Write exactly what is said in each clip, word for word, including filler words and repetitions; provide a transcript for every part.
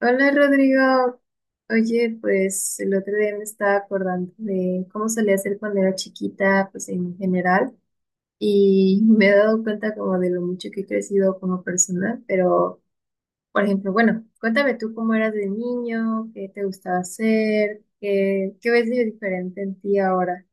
Hola Rodrigo, oye, pues el otro día me estaba acordando de cómo solía hacer cuando era chiquita, pues en general, y me he dado cuenta como de lo mucho que he crecido como persona, pero, por ejemplo, bueno, cuéntame tú cómo eras de niño, qué te gustaba hacer, qué, qué ves de diferente en ti ahora.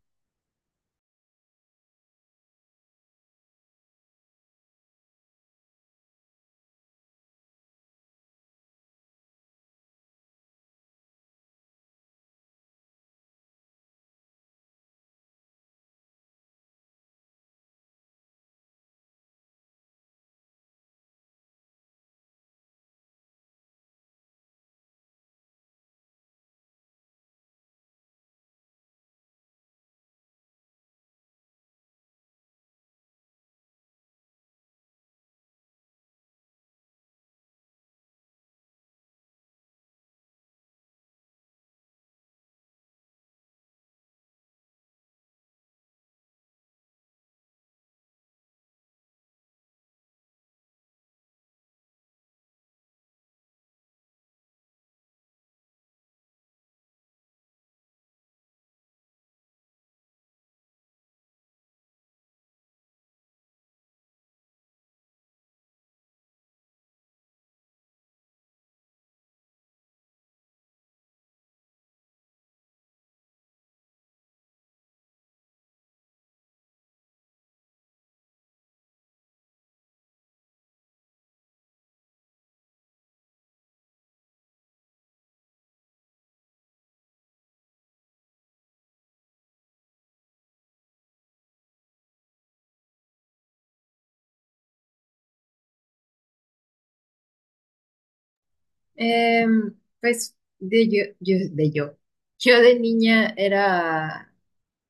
Em, pues de yo, yo, de yo. Yo de niña era.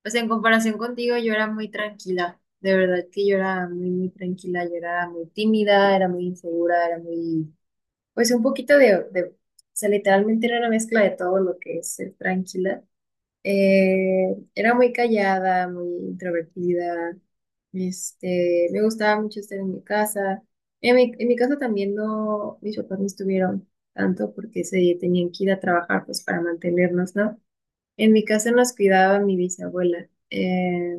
O sea, en comparación contigo, yo era muy tranquila. De verdad que yo era muy, muy tranquila. Yo era muy tímida, era muy insegura, era muy, pues un poquito de, de- o sea, literalmente era una mezcla de todo lo que es ser tranquila. Eh, era muy callada, muy introvertida. Este, me gustaba mucho estar en mi casa. En mi, en mi casa también no, mis papás no estuvieron tanto porque se tenían que ir a trabajar pues para mantenernos, ¿no? En mi casa nos cuidaba mi bisabuela, eh,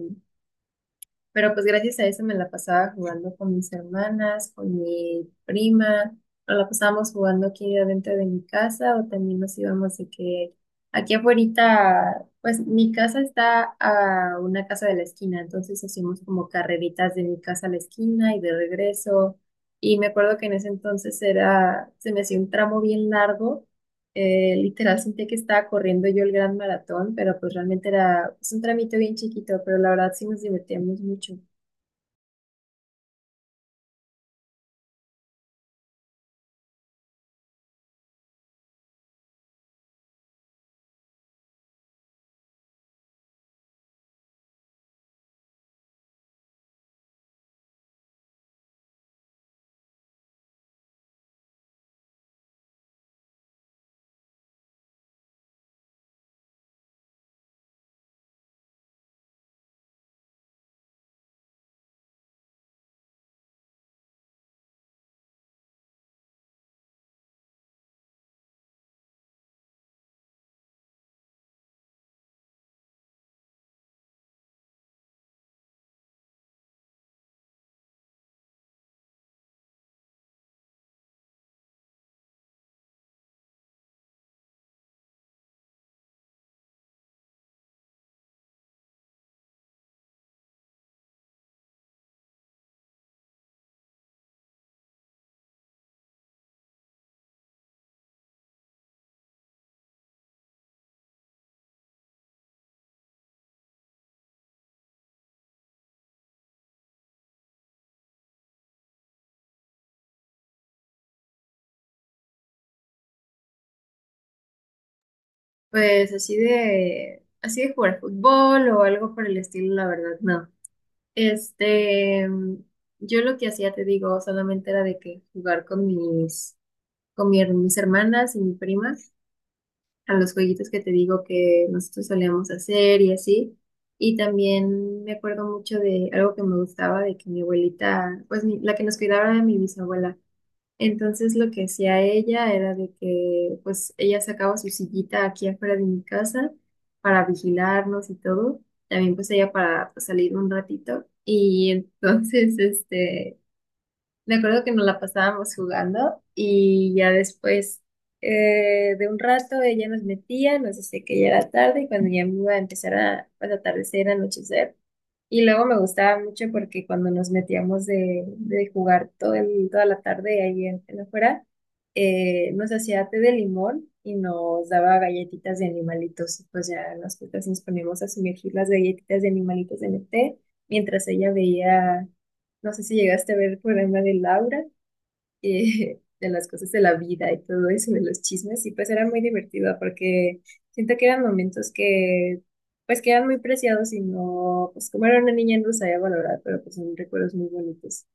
pero pues gracias a eso me la pasaba jugando con mis hermanas, con mi prima, o la pasábamos jugando aquí adentro de mi casa o también nos íbamos de que aquí afuera, pues mi casa está a una casa de la esquina, entonces hacíamos como carreritas de mi casa a la esquina y de regreso. Y me acuerdo que en ese entonces era, se me hacía un tramo bien largo, eh, literal, sentí que estaba corriendo yo el gran maratón, pero pues realmente era, pues, un trámite bien chiquito, pero la verdad sí nos divertíamos mucho. Pues así de, así de jugar fútbol o algo por el estilo, la verdad, no. Este, yo lo que hacía, te digo, solamente era de que jugar con mis, con mi her- mis hermanas y mi prima, a los jueguitos que te digo que nosotros solíamos hacer y así. Y también me acuerdo mucho de algo que me gustaba, de que mi abuelita, pues mi- la que nos cuidaba era mi bisabuela. Entonces lo que hacía ella era de que pues ella sacaba su sillita aquí afuera de mi casa para vigilarnos y todo. También pues ella para, pues, salir un ratito. Y entonces, este... me acuerdo que nos la pasábamos jugando y ya después, eh, de un rato ella nos metía, nos decía que ya era tarde y cuando ya me iba a empezar a, a atardecer, anochecer. Y luego me gustaba mucho porque cuando nos metíamos de, de jugar todo el- toda la tarde ahí en, en afuera, eh, nos hacía té de limón y nos daba galletitas de animalitos. Y pues ya nosotras nos poníamos a sumergir las galletitas de animalitos en el té mientras ella veía. No sé si llegaste a ver el programa de Laura, eh, de las cosas de la vida y todo eso, de los chismes, y pues era muy divertido porque siento que eran momentos que, pues que eran muy preciados y no, pues como era una niña no sabía valorar, pero pues son recuerdos muy bonitos.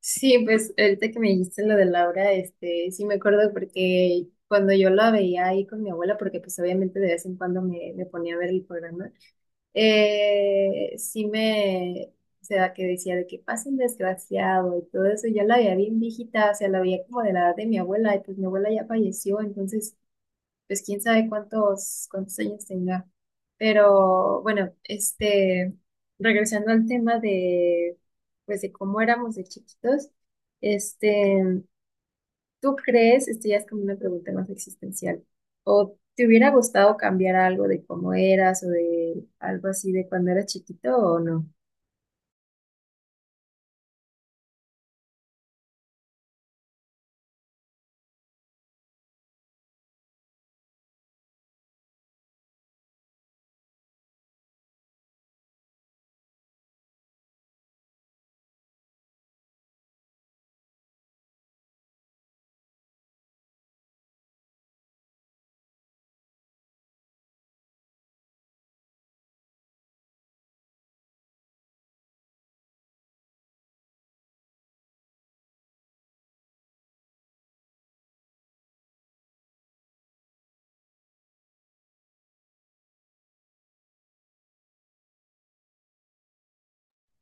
Sí, pues ahorita que me dijiste lo de Laura, este, sí me acuerdo porque cuando yo la veía ahí con mi abuela, porque pues obviamente de vez en cuando me, me ponía a ver el programa, eh, sí me, o sea, que decía de que pasa un desgraciado y todo eso, ya la veía bien viejita, o sea, la veía como de la edad de mi abuela, y pues mi abuela ya falleció, entonces pues quién sabe cuántos, cuántos años tenga. Pero bueno, este, regresando al tema de, pues, de cómo éramos de chiquitos, este, ¿tú crees, esto ya es como una pregunta más existencial, o te hubiera gustado cambiar algo de cómo eras o de algo así de cuando eras chiquito o no?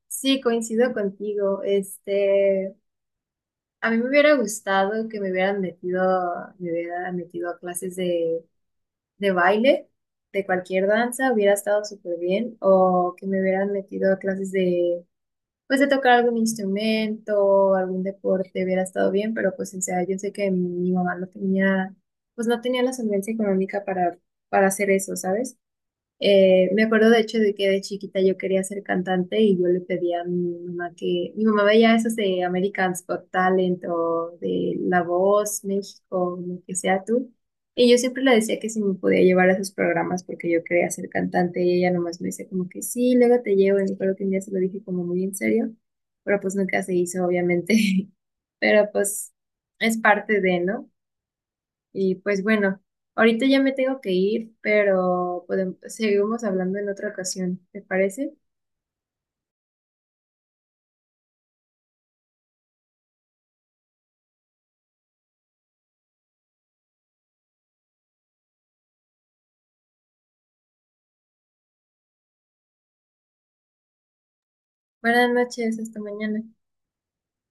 Sí, coincido contigo. Este, a mí me hubiera gustado que me hubieran metido, me hubieran metido a clases de de baile, de cualquier danza, hubiera estado súper bien, o que me hubieran metido a clases de, pues, de tocar algún instrumento, algún deporte, hubiera estado bien, pero pues, o sea, yo sé que mi mamá no tenía, pues no tenía la solvencia económica para, para hacer eso, ¿sabes? Eh, me acuerdo de hecho de que de chiquita yo quería ser cantante y yo le pedí a mi mamá que, mi mamá veía esos de American's Got Talent o de La Voz, México, lo que sea tú. Y yo siempre le decía que si me podía llevar a esos programas porque yo quería ser cantante y ella nomás me decía como que sí, luego te llevo. Y me acuerdo que un día se lo dije como muy en serio, pero pues nunca se hizo, obviamente. Pero pues es parte de, ¿no? Y pues bueno, ahorita ya me tengo que ir, pero podemos, seguimos hablando en otra ocasión, ¿te parece? Buenas noches, hasta mañana.